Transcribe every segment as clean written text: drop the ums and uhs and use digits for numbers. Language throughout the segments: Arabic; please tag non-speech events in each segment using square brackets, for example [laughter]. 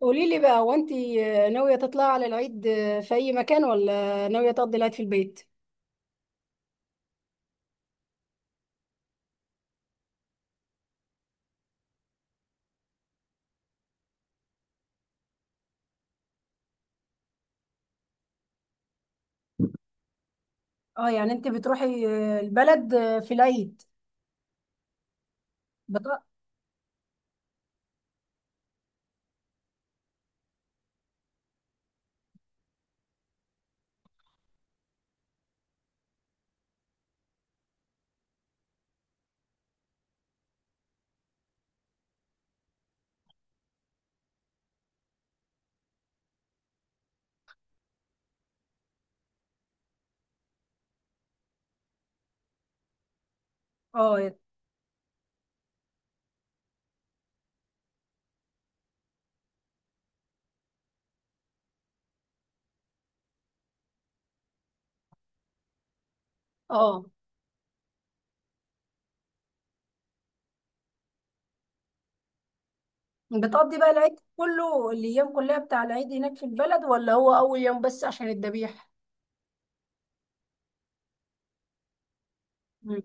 قولي لي بقى، هو انت ناوية تطلعي على العيد في أي مكان، ولا ناوية تقضي العيد في البيت؟ اه، يعني انت بتروحي البلد في العيد بت... اه، اه، بتقضي بقى العيد كله الايام كلها بتاع العيد هناك في البلد، ولا هو اول يوم بس عشان الذبيح؟ مم.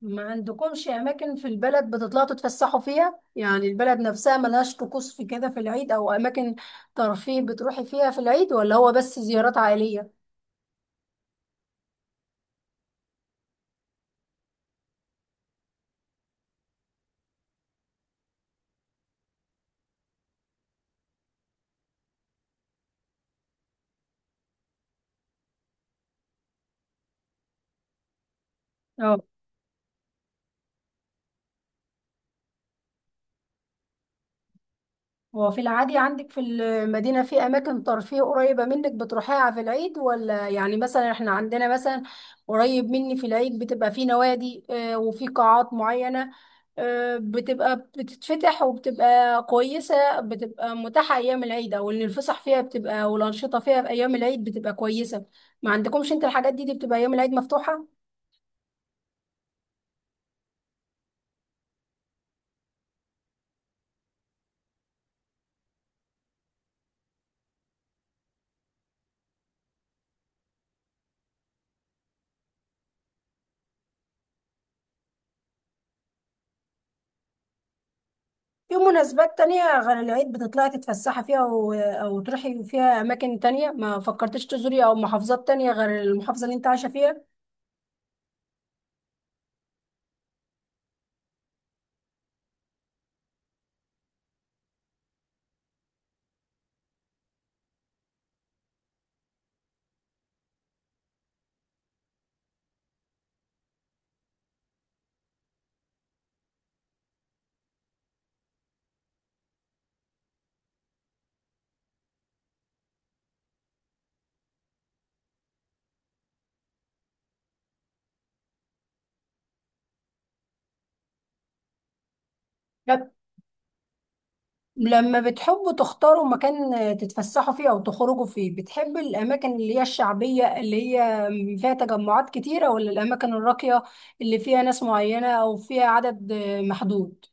ما عندكمش اماكن في البلد بتطلعوا تتفسحوا فيها؟ يعني البلد نفسها ملهاش طقوس في كده في العيد او اماكن ترفيه بتروحي فيها في العيد، ولا هو بس زيارات عائلية؟ اه، هو في العادي عندك في المدينة في أماكن ترفيه قريبة منك بتروحيها في العيد، ولا يعني مثلا احنا عندنا مثلا قريب مني في العيد بتبقى في نوادي وفي قاعات معينة بتبقى بتتفتح وبتبقى كويسة، بتبقى متاحة أيام العيد، أو إن الفسح فيها بتبقى والأنشطة فيها في أيام العيد بتبقى كويسة؟ ما عندكمش أنت الحاجات دي بتبقى أيام العيد مفتوحة؟ في مناسبات تانية غير العيد بتطلعي تتفسحي فيها أو تروحي فيها أماكن تانية؟ ما فكرتش تزوري أو محافظات تانية غير المحافظة اللي أنت عايشة فيها؟ لب- لما بتحبوا تختاروا مكان تتفسحوا فيه أو تخرجوا فيه، بتحب الأماكن اللي هي الشعبية اللي هي فيها تجمعات كتيرة، ولا الأماكن الراقية اللي فيها ناس معينة أو فيها عدد محدود؟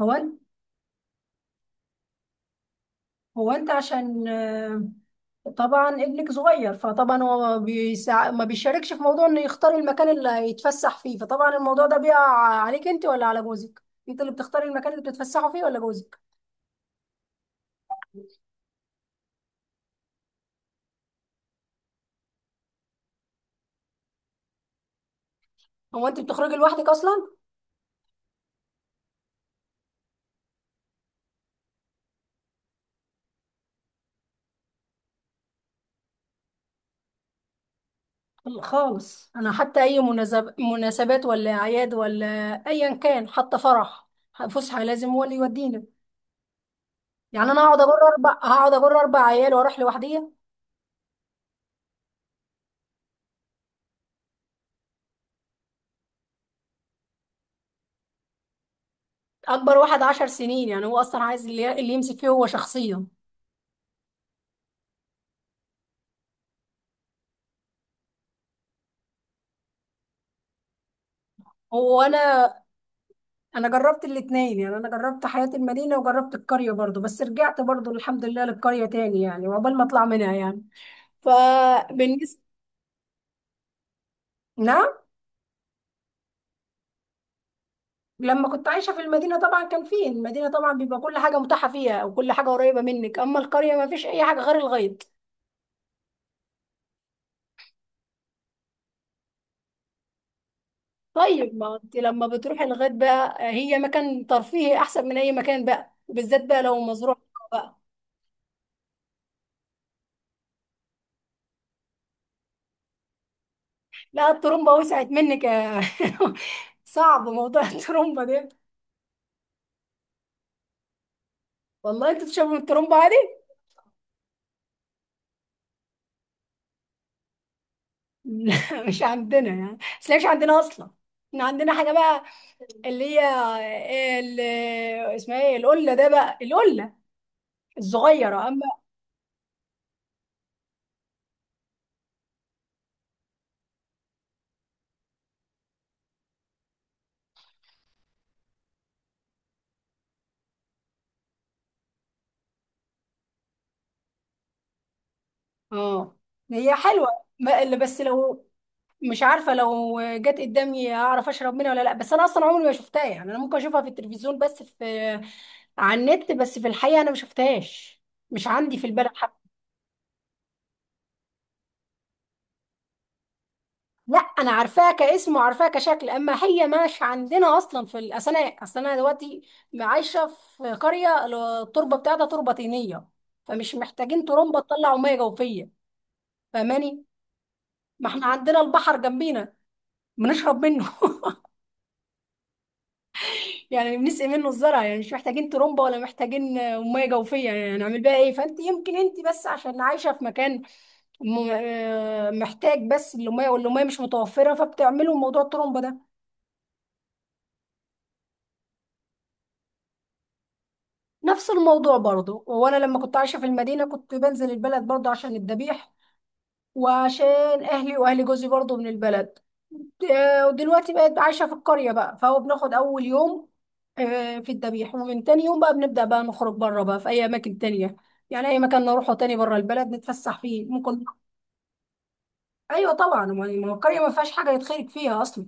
هو هو انت عشان طبعا ابنك صغير، فطبعا هو ما بيشاركش في موضوع انه يختار المكان اللي هيتفسح فيه، فطبعا الموضوع ده بيقع عليك انت ولا على جوزك؟ انت اللي بتختاري المكان اللي بتتفسحوا فيه ولا جوزك؟ هو انت بتخرجي لوحدك اصلا؟ لا خالص، انا حتى اي مناسبات ولا اعياد ولا ايا كان، حتى فرح فسحه لازم هو اللي يودينا. يعني انا هقعد اجر اربع عيال واروح لوحدي؟ اكبر واحد 10 سنين، يعني هو اصلا عايز اللي يمسك فيه هو شخصيا. هو انا جربت الاتنين، يعني انا جربت حياة المدينة وجربت القرية برضو، بس رجعت برضو الحمد لله للقرية تاني يعني، وعقبال ما اطلع منها يعني، فبالنسبة. نعم. لما كنت عايشة في المدينة طبعا كان فيه، المدينة طبعا بيبقى كل حاجة متاحة فيها وكل حاجة قريبة منك، أما القرية ما فيش أي حاجة غير الغيط. طيب، ما أنت لما بتروحي الغيط بقى، هي مكان ترفيهي أحسن من أي مكان بقى، وبالذات بقى لو مزروع بقى. لا، الترمبة وسعت منك يا. [laughs] صعب موضوع الترمبة ده. والله أنت تشربي من الترمبة عادي؟ لا مش عندنا يعني، بس هي مش عندنا اصلا، احنا عندنا حاجه بقى، اللي هي ال- اسمها ايه، القله ده بقى، القله الصغيره اما. اه، هي حلوه. اللي بس لو مش عارفه لو جت قدامي اعرف اشرب منها ولا لا، بس انا اصلا عمري ما شفتها، يعني انا ممكن اشوفها في التلفزيون بس، في على النت، بس في الحقيقه انا ما شفتهاش، مش عندي في البلد. لا، انا عارفاه كاسم وعارفاه كشكل، اما هي مش عندنا اصلا في اصل انا دلوقتي عايشه في قريه، التربه بتاعتها تربه طينيه، فمش محتاجين ترمبه تطلع ميه جوفيه. فاهماني؟ ما احنا عندنا البحر جنبينا بنشرب منه. [laughs] يعني بنسقي منه الزرع، يعني مش محتاجين ترمبه ولا محتاجين ميه جوفيه، يعني هنعمل بيها ايه؟ فانت يمكن انت بس عشان عايشه في مكان محتاج بس الميه، والميه مش متوفره فبتعملوا موضوع الترمبه ده. نفس الموضوع برضو، وانا لما كنت عايشه في المدينه كنت بنزل البلد برضو عشان الذبيح، وعشان اهلي واهل جوزي برضو من البلد. ودلوقتي بقيت عايشه في القريه بقى، فهو بناخد اول يوم في الذبيح، ومن تاني يوم بقى بنبدا بقى نخرج بره بقى في اي اماكن تانية، يعني اي مكان نروحه تاني بره البلد نتفسح فيه ممكن. ايوه طبعا، ما هو القريه ما فيهاش حاجه يتخرج فيها اصلا.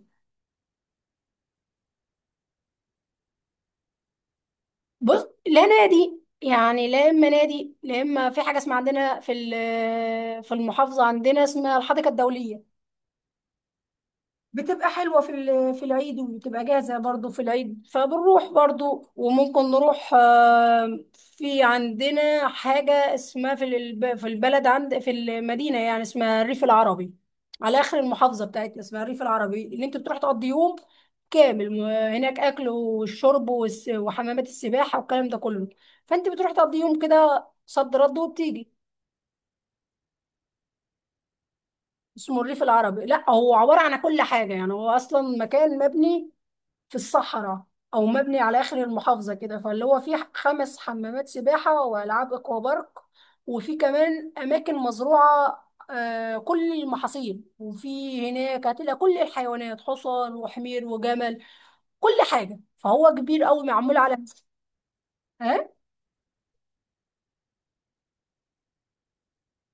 بص، لا نادي يعني لا، اما نادي لا، اما في حاجه اسمها عندنا في في المحافظه عندنا، اسمها الحديقه الدوليه. بتبقى حلوة في في العيد، وبتبقى جاهزة برضو في العيد فبنروح برضو، وممكن نروح في عندنا حاجة اسمها في في البلد عند في المدينة يعني، اسمها الريف العربي. على آخر المحافظة بتاعتنا اسمها الريف العربي، اللي انت بتروح تقضي يوم كامل هناك، أكل والشرب وحمامات السباحة والكلام ده كله. فانت بتروح تقضي يوم كده صد رد وبتيجي. اسمه الريف العربي، لا هو عبارة عن كل حاجة، يعني هو أصلا مكان مبني في الصحراء او مبني على اخر المحافظه كده، فاللي هو فيه خمس حمامات سباحه والعاب اكوا بارك، وفي كمان اماكن مزروعه كل المحاصيل، وفي هناك هتلاقي كل الحيوانات، حصان وحمير وجمل كل حاجه، فهو كبير قوي معمول على. ها؟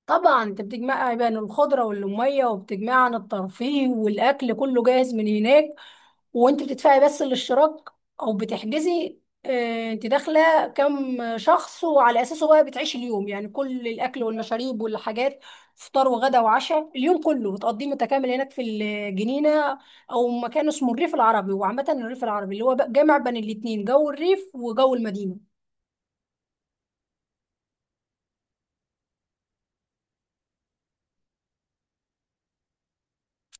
طبعا، انت بتجمع بين الخضره والميه، وبتجمع عن الترفيه والاكل كله جاهز من هناك، وانت بتدفعي بس الاشتراك او بتحجزي. انت داخله كام شخص، وعلى اساسه بقى بتعيشي اليوم يعني، كل الاكل والمشاريب والحاجات، فطار وغدا وعشاء، اليوم كله بتقضيه متكامل هناك في الجنينه، او مكان اسمه الريف العربي، وعامه الريف العربي اللي هو بقى جامع بين الاتنين، جو الريف وجو المدينه.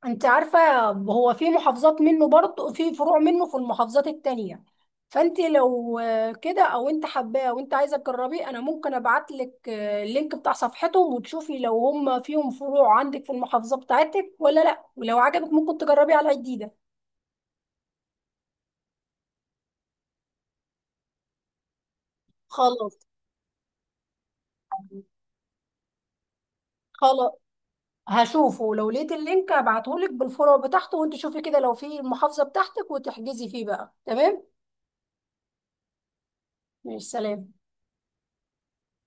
انت عارفة، هو في محافظات منه برضه، في فروع منه في المحافظات التانية، فانت لو كده او انت حباه وانت عايزة تجربيه، انا ممكن ابعت لك اللينك بتاع صفحتهم، وتشوفي لو هم فيهم فروع عندك في المحافظة بتاعتك ولا لا، ولو عجبك ممكن تجربيه على جديدة. خلاص. خلاص، هشوفه لو لقيت اللينك ابعته لك بالفروع بتاعته، وانت شوفي كده لو في المحافظة بتاعتك وتحجزي فيه بقى، تمام. ماشي، سلام.